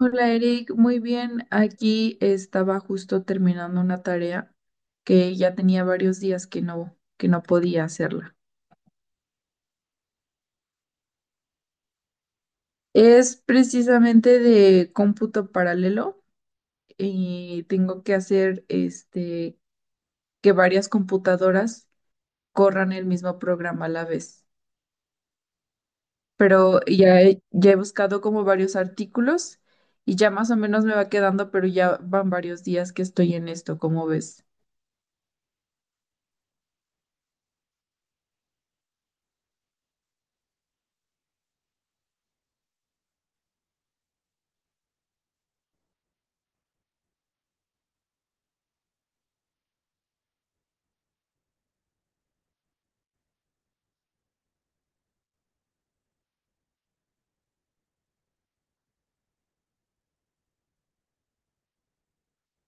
Hola Eric, muy bien. Aquí estaba justo terminando una tarea que ya tenía varios días que no podía hacerla. Es precisamente de cómputo paralelo y tengo que hacer que varias computadoras corran el mismo programa a la vez. Pero ya he buscado como varios artículos y ya más o menos me va quedando, pero ya van varios días que estoy en esto, ¿como ves?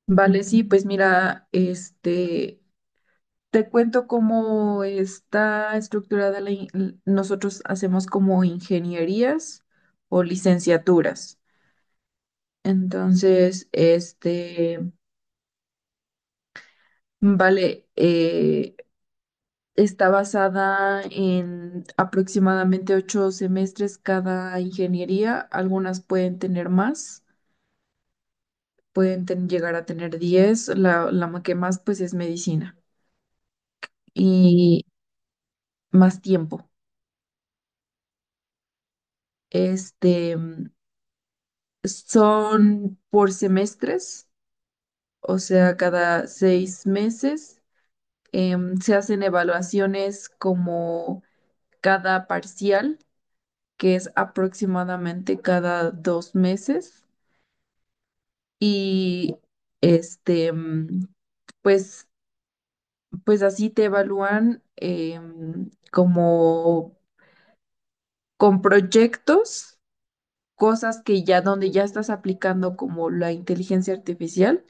Vale, sí, pues mira, te cuento cómo está estructurada nosotros hacemos como ingenierías o licenciaturas. Entonces, vale, está basada en aproximadamente 8 semestres cada ingeniería. Algunas pueden tener más, llegar a tener 10. Que más, pues, es medicina y más tiempo. Este. Son por semestres, o sea, cada 6 meses se hacen evaluaciones como cada parcial, que es aproximadamente cada 2 meses. Y este, mm, pues, pues así te evalúan como con proyectos, cosas que ya donde ya estás aplicando como la inteligencia artificial,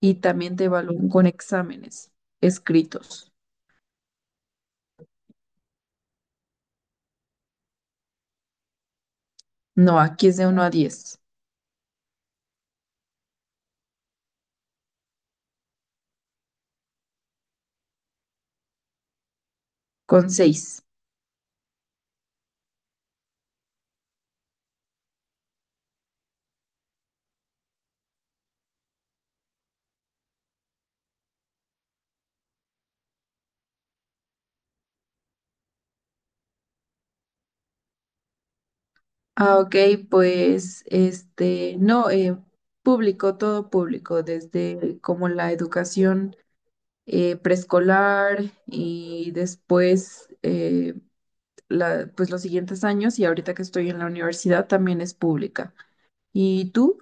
y también te evalúan con exámenes escritos. No, aquí es de 1 a 10. Con 6. Ah, ok, pues no, público, todo público, desde como la educación preescolar y después pues los siguientes años, y ahorita que estoy en la universidad también es pública. ¿Y tú?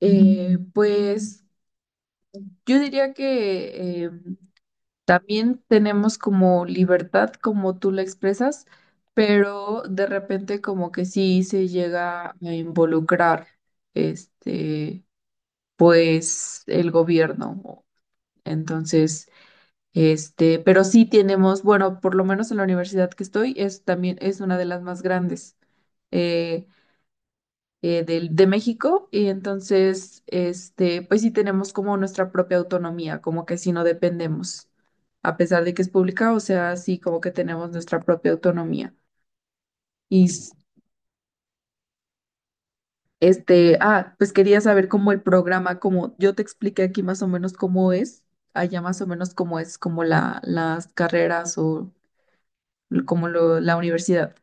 Eh, pues Yo diría que también tenemos como libertad, como tú la expresas, pero de repente como que sí se llega a involucrar este, pues el gobierno. Entonces, pero sí tenemos, bueno, por lo menos en la universidad que estoy, es también es una de las más grandes. Eh, de México, y entonces, pues sí tenemos como nuestra propia autonomía, como que sí no dependemos, a pesar de que es pública, o sea, sí como que tenemos nuestra propia autonomía. Y s- ah, pues quería saber cómo el programa, como yo te expliqué aquí más o menos cómo es, allá más o menos cómo es, como las carreras o como la universidad.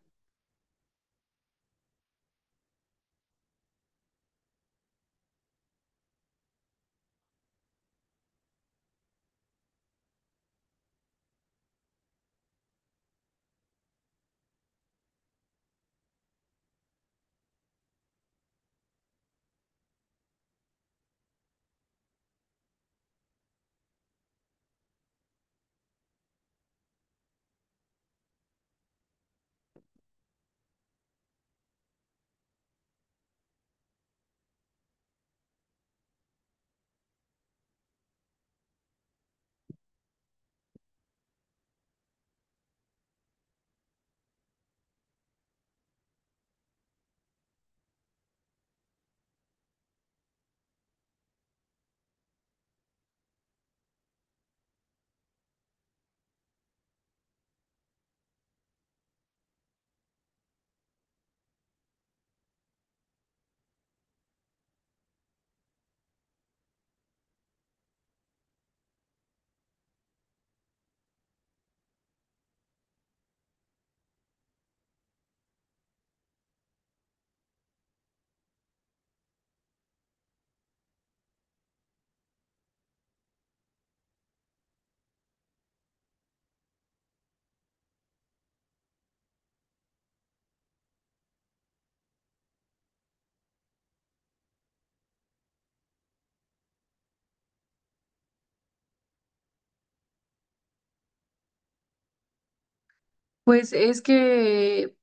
Pues es que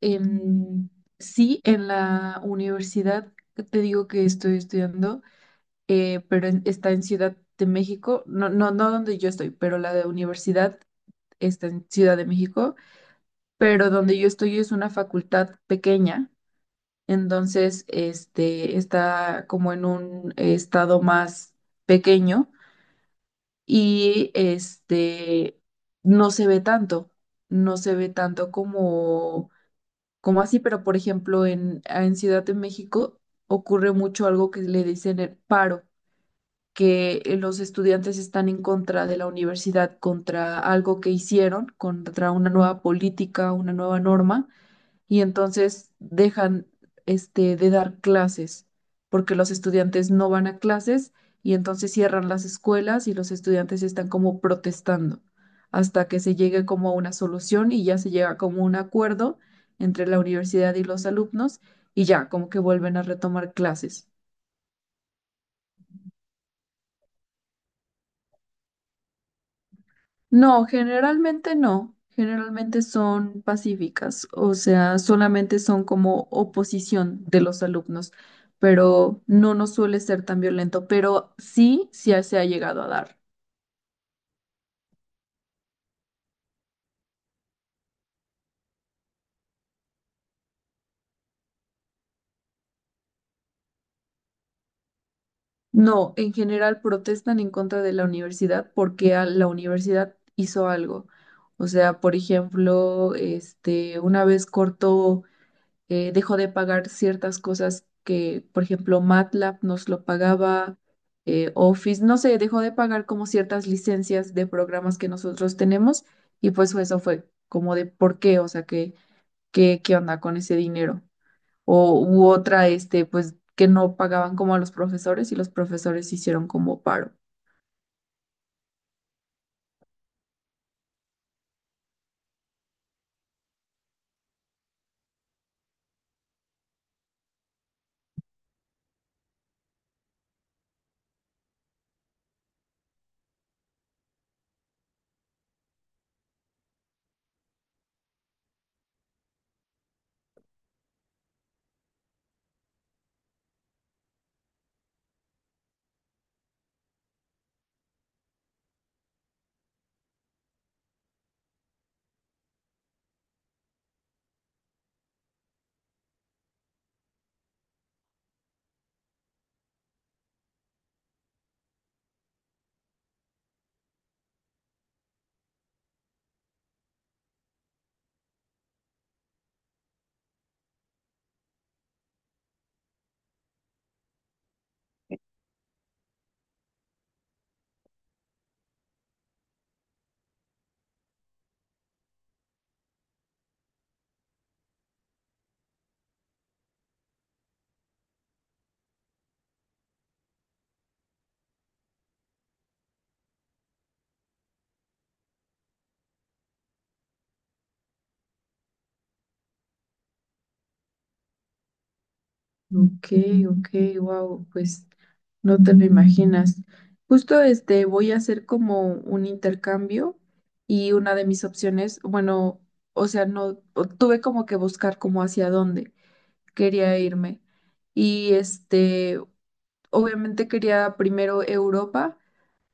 em, sí, en la universidad que te digo que estoy estudiando, está en Ciudad de México, no donde yo estoy, pero la de universidad está en Ciudad de México, pero donde yo estoy es una facultad pequeña, entonces está como en un estado más pequeño, y no se ve tanto, no se ve tanto como como así. Pero por ejemplo en Ciudad de México ocurre mucho algo que le dicen el paro, que los estudiantes están en contra de la universidad, contra algo que hicieron, contra una nueva política, una nueva norma, y entonces dejan de dar clases porque los estudiantes no van a clases, y entonces cierran las escuelas y los estudiantes están como protestando hasta que se llegue como a una solución y ya se llega como a un acuerdo entre la universidad y los alumnos, y ya como que vuelven a retomar clases. No, generalmente no. Generalmente son pacíficas, o sea, solamente son como oposición de los alumnos, pero no nos suele ser tan violento, pero se ha llegado a dar. No, en general protestan en contra de la universidad porque la universidad hizo algo. O sea, por ejemplo, una vez cortó, dejó de pagar ciertas cosas que, por ejemplo, MATLAB nos lo pagaba, Office, no sé, dejó de pagar como ciertas licencias de programas que nosotros tenemos, y pues eso fue como de por qué, o sea, qué onda con ese dinero. O u otra, pues que no pagaban como a los profesores, y los profesores hicieron como paro. Ok, ok, wow, pues no te lo imaginas. Justo voy a hacer como un intercambio, y una de mis opciones, bueno, o sea, no o- tuve como que buscar como hacia dónde quería irme. Y obviamente quería primero Europa,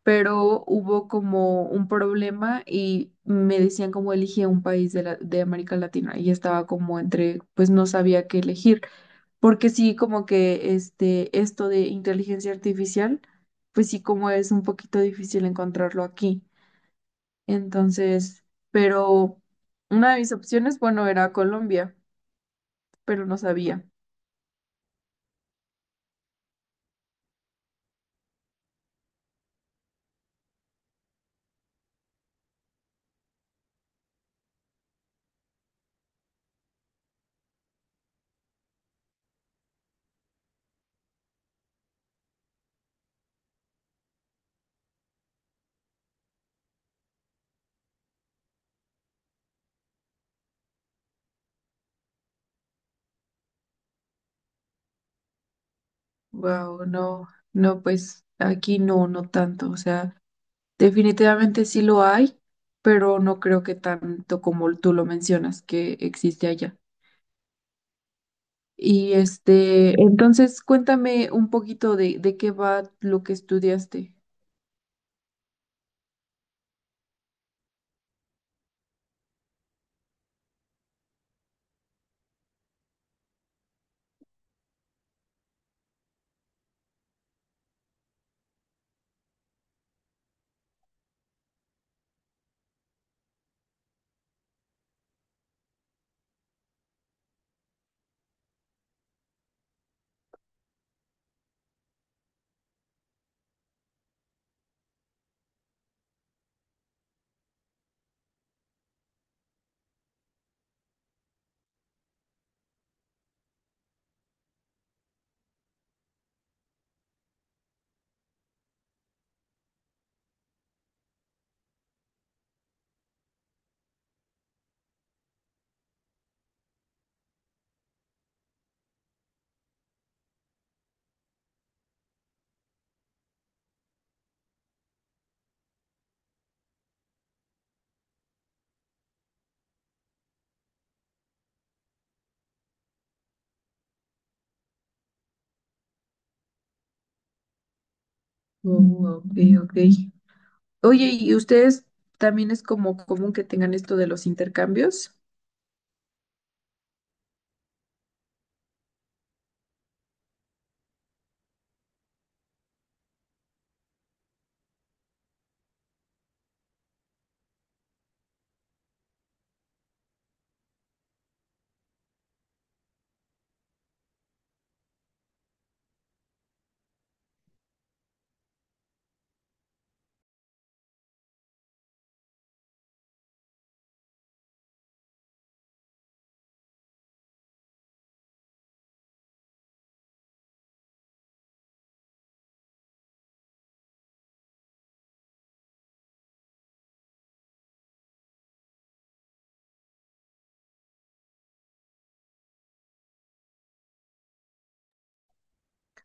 pero hubo como un problema y me decían como elige un país de América Latina, y estaba como entre, pues no sabía qué elegir. Porque sí, como que esto de inteligencia artificial, pues sí, como es un poquito difícil encontrarlo aquí. Entonces, pero una de mis opciones, bueno, era Colombia, pero no sabía. Wow, no, no, pues aquí no, no tanto. O sea, definitivamente sí lo hay, pero no creo que tanto como tú lo mencionas que existe allá. Y entonces cuéntame un poquito de qué va lo que estudiaste. Oh, ok, ok. Oye, ¿y ustedes también es como común que tengan esto de los intercambios?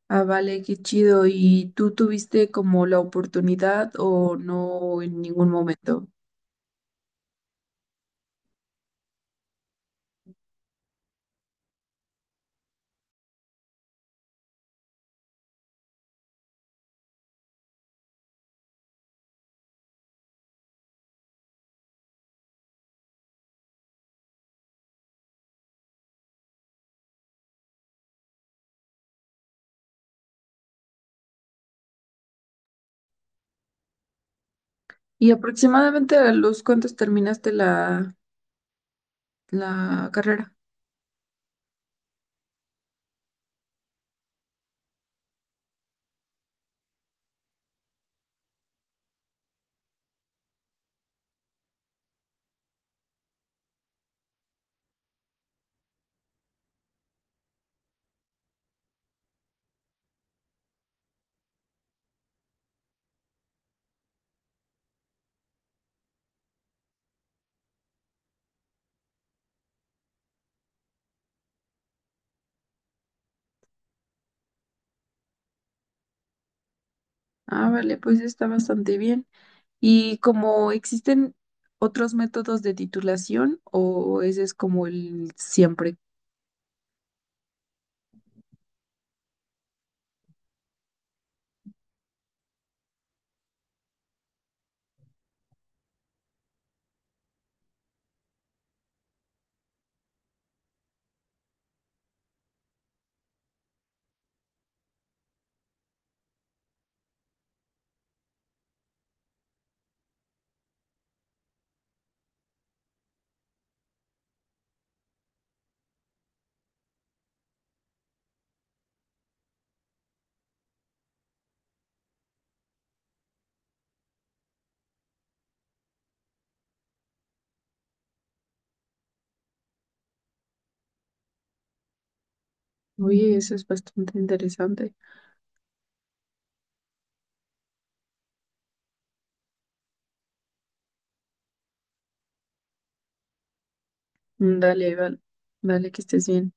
Ah, vale, qué chido. ¿Y tú tuviste como la oportunidad o no en ningún momento? ¿Y aproximadamente a los cuántos terminaste la carrera? Ah, vale, pues está bastante bien. ¿Y como existen otros métodos de titulación o ese es como el siempre? Oye, eso es bastante interesante. Mm, dale, Val. Dale, que estés bien.